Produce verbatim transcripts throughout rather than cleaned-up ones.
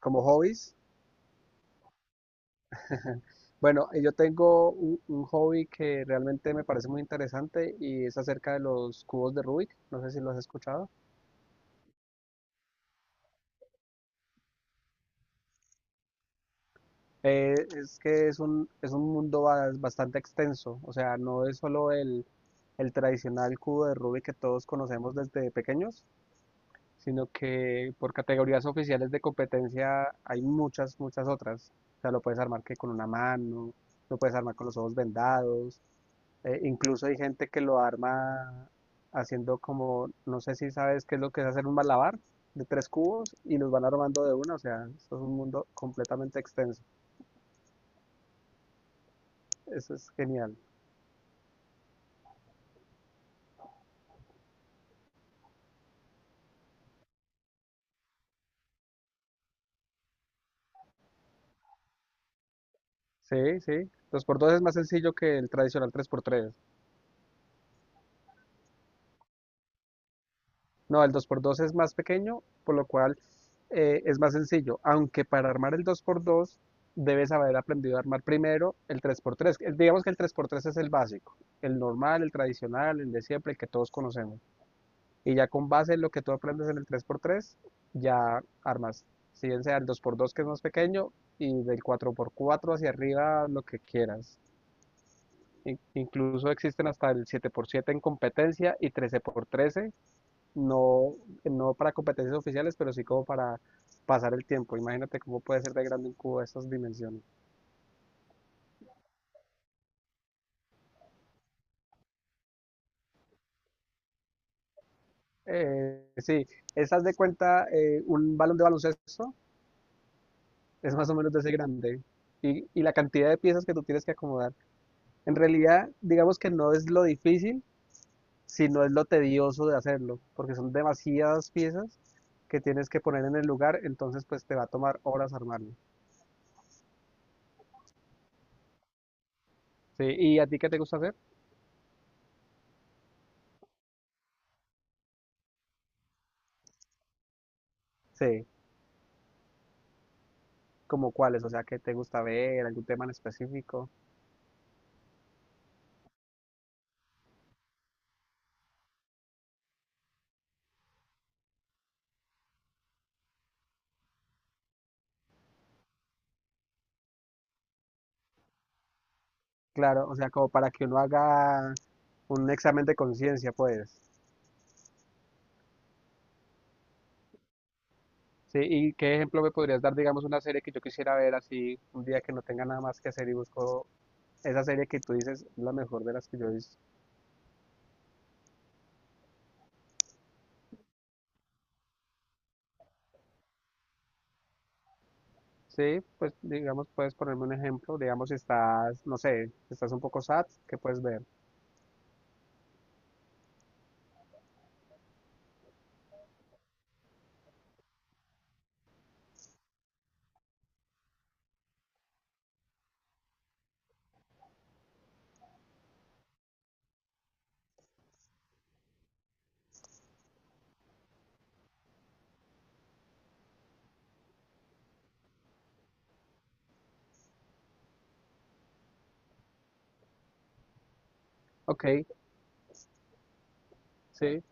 Como hobbies, bueno, eh, yo tengo un, un hobby que realmente me parece muy interesante y es acerca de los cubos de Rubik. No sé si lo has escuchado. Eh, es que es un, es un mundo ba- bastante extenso, o sea, no es solo el, el tradicional cubo de Rubik que todos conocemos desde pequeños, sino que por categorías oficiales de competencia hay muchas, muchas otras. O sea, lo puedes armar que con una mano, lo puedes armar con los ojos vendados. Eh, incluso hay gente que lo arma haciendo como, no sé si sabes qué es lo que es hacer un malabar de tres cubos y los van armando de una, o sea, esto es un mundo completamente extenso. Eso es genial. Sí, sí. Dos por dos es más sencillo que el tradicional tres por tres. No, el dos por dos es más pequeño, por lo cual eh, es más sencillo. Aunque para armar el dos por dos debes haber aprendido a armar primero el tres por tres. El- Digamos que el tres por tres es el básico, el normal, el tradicional, el de siempre, el que todos conocemos. Y ya con base en lo que tú aprendes en el tres por tres ya armas, si bien sea el dos por dos que es más pequeño, y del cuatro por cuatro hacia arriba lo que quieras. In- Incluso existen hasta el siete por siete en competencia y trece por trece no, no para competencias oficiales, pero sí como para pasar el tiempo. Imagínate cómo puede ser de grande un cubo de estas dimensiones. Eh, sí, esas de cuenta, eh, un balón de baloncesto es más o menos de ese grande, y, y la cantidad de piezas que tú tienes que acomodar. En realidad, digamos que no es lo difícil, sino es lo tedioso de hacerlo, porque son demasiadas piezas que tienes que poner en el lugar, entonces pues te va a tomar horas armarlo. Sí, ¿y a ti qué te gusta hacer? Sí, como cuáles, o sea, ¿qué te gusta ver, algún tema en específico? Claro, o sea, como para que uno haga un examen de conciencia, pues. Sí, ¿y qué ejemplo me podrías dar? Digamos, una serie que yo quisiera ver así, un día que no tenga nada más que hacer, y busco esa serie que tú dices es la mejor de las que yo he visto. Sí, pues digamos, puedes ponerme un ejemplo, digamos, si estás, no sé, si estás un poco sad, ¿qué puedes ver? Ok, sí,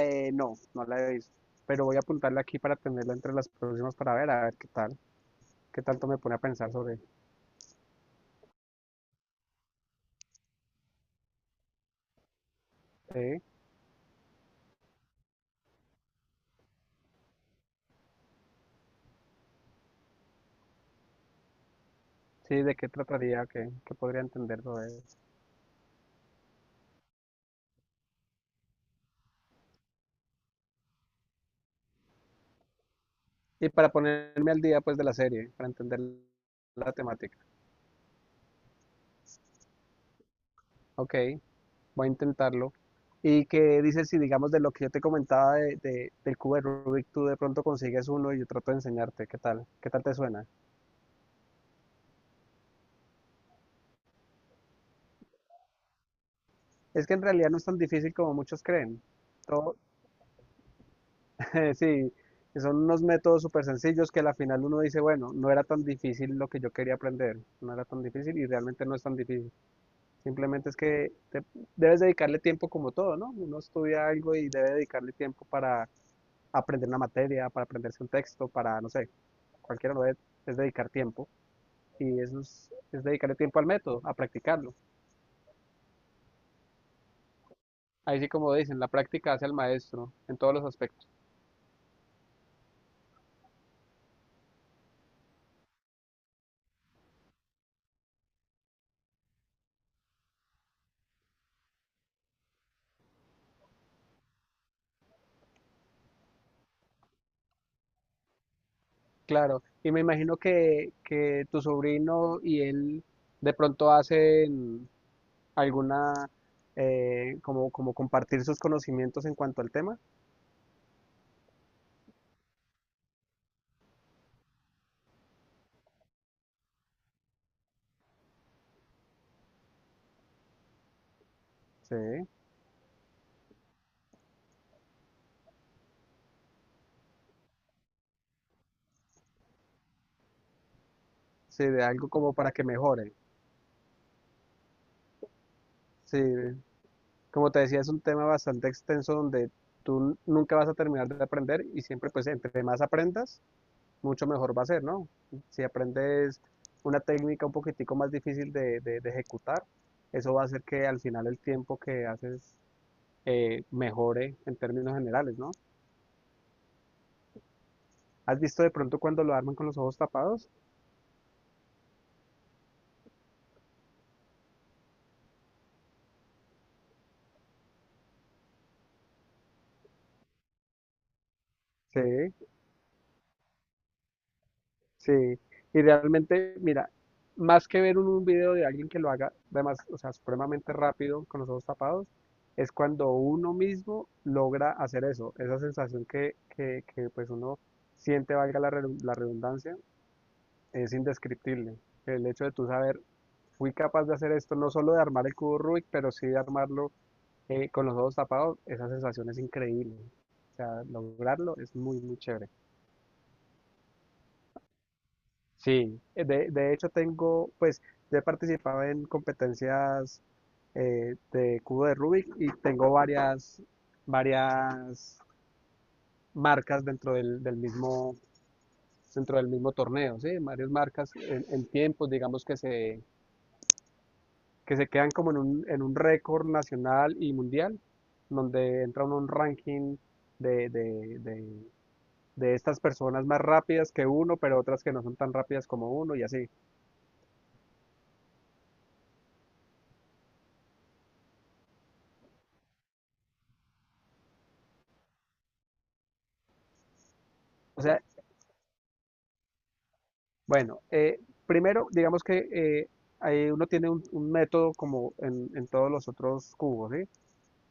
eh, no, no la he visto, pero voy a apuntarla aquí para tenerla entre las próximas para ver, a ver qué tal, qué tanto me pone a pensar sobre, sí, sí, de qué trataría, qué, qué podría entender sobre eso. Y para ponerme al día, pues, de la serie, para entender la temática. Ok, voy a intentarlo. Y que dice, si digamos de lo que yo te comentaba de, de- del cubo de Rubik, tú de pronto consigues uno y yo trato de enseñarte, ¿qué tal? ¿Qué tal te suena? Es que en realidad no es tan difícil como muchos creen. Todo, sí, son unos métodos súper sencillos que a la final uno dice, bueno, no era tan difícil lo que yo quería aprender, no era tan difícil, y realmente no es tan difícil. Simplemente es que te- debes dedicarle tiempo como todo, ¿no? Uno estudia algo y debe dedicarle tiempo para aprender una materia, para aprenderse un texto, para, no sé, cualquiera lo es, es dedicar tiempo, y eso es, es dedicarle tiempo al método, a practicarlo. Ahí sí como dicen, la práctica hace al maestro en todos los aspectos. Claro, y me imagino que, que tu sobrino y él de pronto hacen alguna, eh, como, como compartir sus conocimientos en cuanto al tema. Sí, sí, de algo como para que mejore. Sí, como te decía, es un tema bastante extenso donde tú nunca vas a terminar de aprender, y siempre pues entre más aprendas, mucho mejor va a ser, ¿no? Si aprendes una técnica un poquitico más difícil de, de- de ejecutar, eso va a hacer que al final el tiempo que haces eh, mejore en términos generales, ¿no? ¿Has visto de pronto cuando lo arman con los ojos tapados? Sí, sí. Y realmente, mira, más que ver un, un video de alguien que lo haga, además, o sea, supremamente rápido con los ojos tapados, es cuando uno mismo logra hacer eso, esa sensación que, que, que pues uno siente, valga la, redun- la redundancia, es indescriptible. El hecho de tú saber, fui capaz de hacer esto, no solo de armar el cubo Rubik, pero sí de armarlo eh, con los ojos tapados, esa sensación es increíble. O sea, lograrlo es muy, muy chévere. Sí, de, de hecho tengo, pues, yo he participado en competencias eh, de cubo de Rubik, y tengo varias, varias marcas dentro del, del mismo, dentro del mismo torneo, ¿sí? Varias marcas en, en tiempos, digamos, que se que se quedan como en un, en un récord nacional y mundial, donde entra uno a un ranking de, de, de- de estas personas más rápidas que uno, pero otras que no son tan rápidas como uno, y así. O sea, bueno, eh, primero digamos que eh, ahí uno tiene un, un método como en, en todos los otros cubos, ¿sí?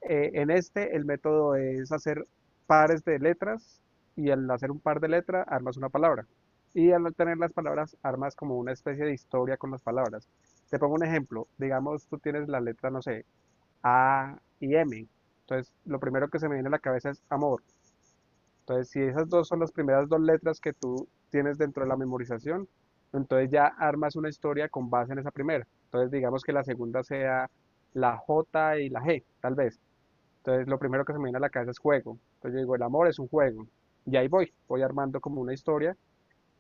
Eh, en este, el método es hacer pares de letras, y al hacer un par de letras armas una palabra. Y al tener las palabras armas como una especie de historia con las palabras. Te pongo un ejemplo. Digamos, tú tienes la letra, no sé, A y M. Entonces, lo primero que se me viene a la cabeza es amor. Entonces, si esas dos son las primeras dos letras que tú tienes dentro de la memorización, entonces ya armas una historia con base en esa primera. Entonces, digamos que la segunda sea la J y la G, tal vez. Entonces lo primero que se me viene a la cabeza es juego. Entonces yo digo, el amor es un juego. Y ahí voy, voy armando como una historia,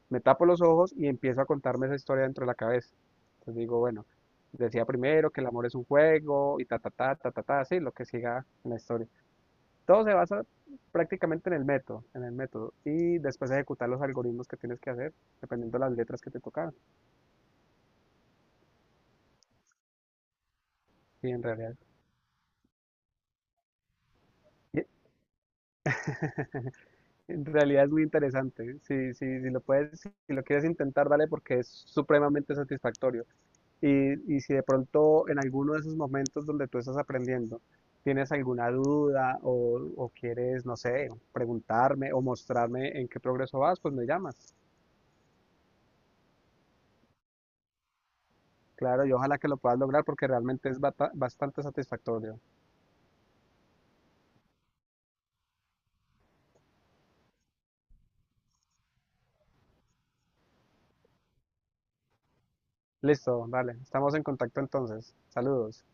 me tapo los ojos y empiezo a contarme esa historia dentro de la cabeza. Entonces digo, bueno, decía primero que el amor es un juego y ta, ta, ta, ta, ta, ta, así, lo que siga en la historia. Todo se basa prácticamente en el método, en el método. Y después ejecutar los algoritmos que tienes que hacer, dependiendo de las letras que te tocaban. Y en realidad, y- en realidad es muy interesante. Si, si, si lo puedes, si lo quieres intentar, dale porque es supremamente satisfactorio. Y, y si de pronto en alguno de esos momentos donde tú estás aprendiendo tienes alguna duda o, o quieres, no sé, preguntarme o mostrarme en qué progreso vas, pues me llamas. Claro, y ojalá que lo puedas lograr porque realmente es bata- bastante satisfactorio. Listo, vale, estamos en contacto entonces. Saludos.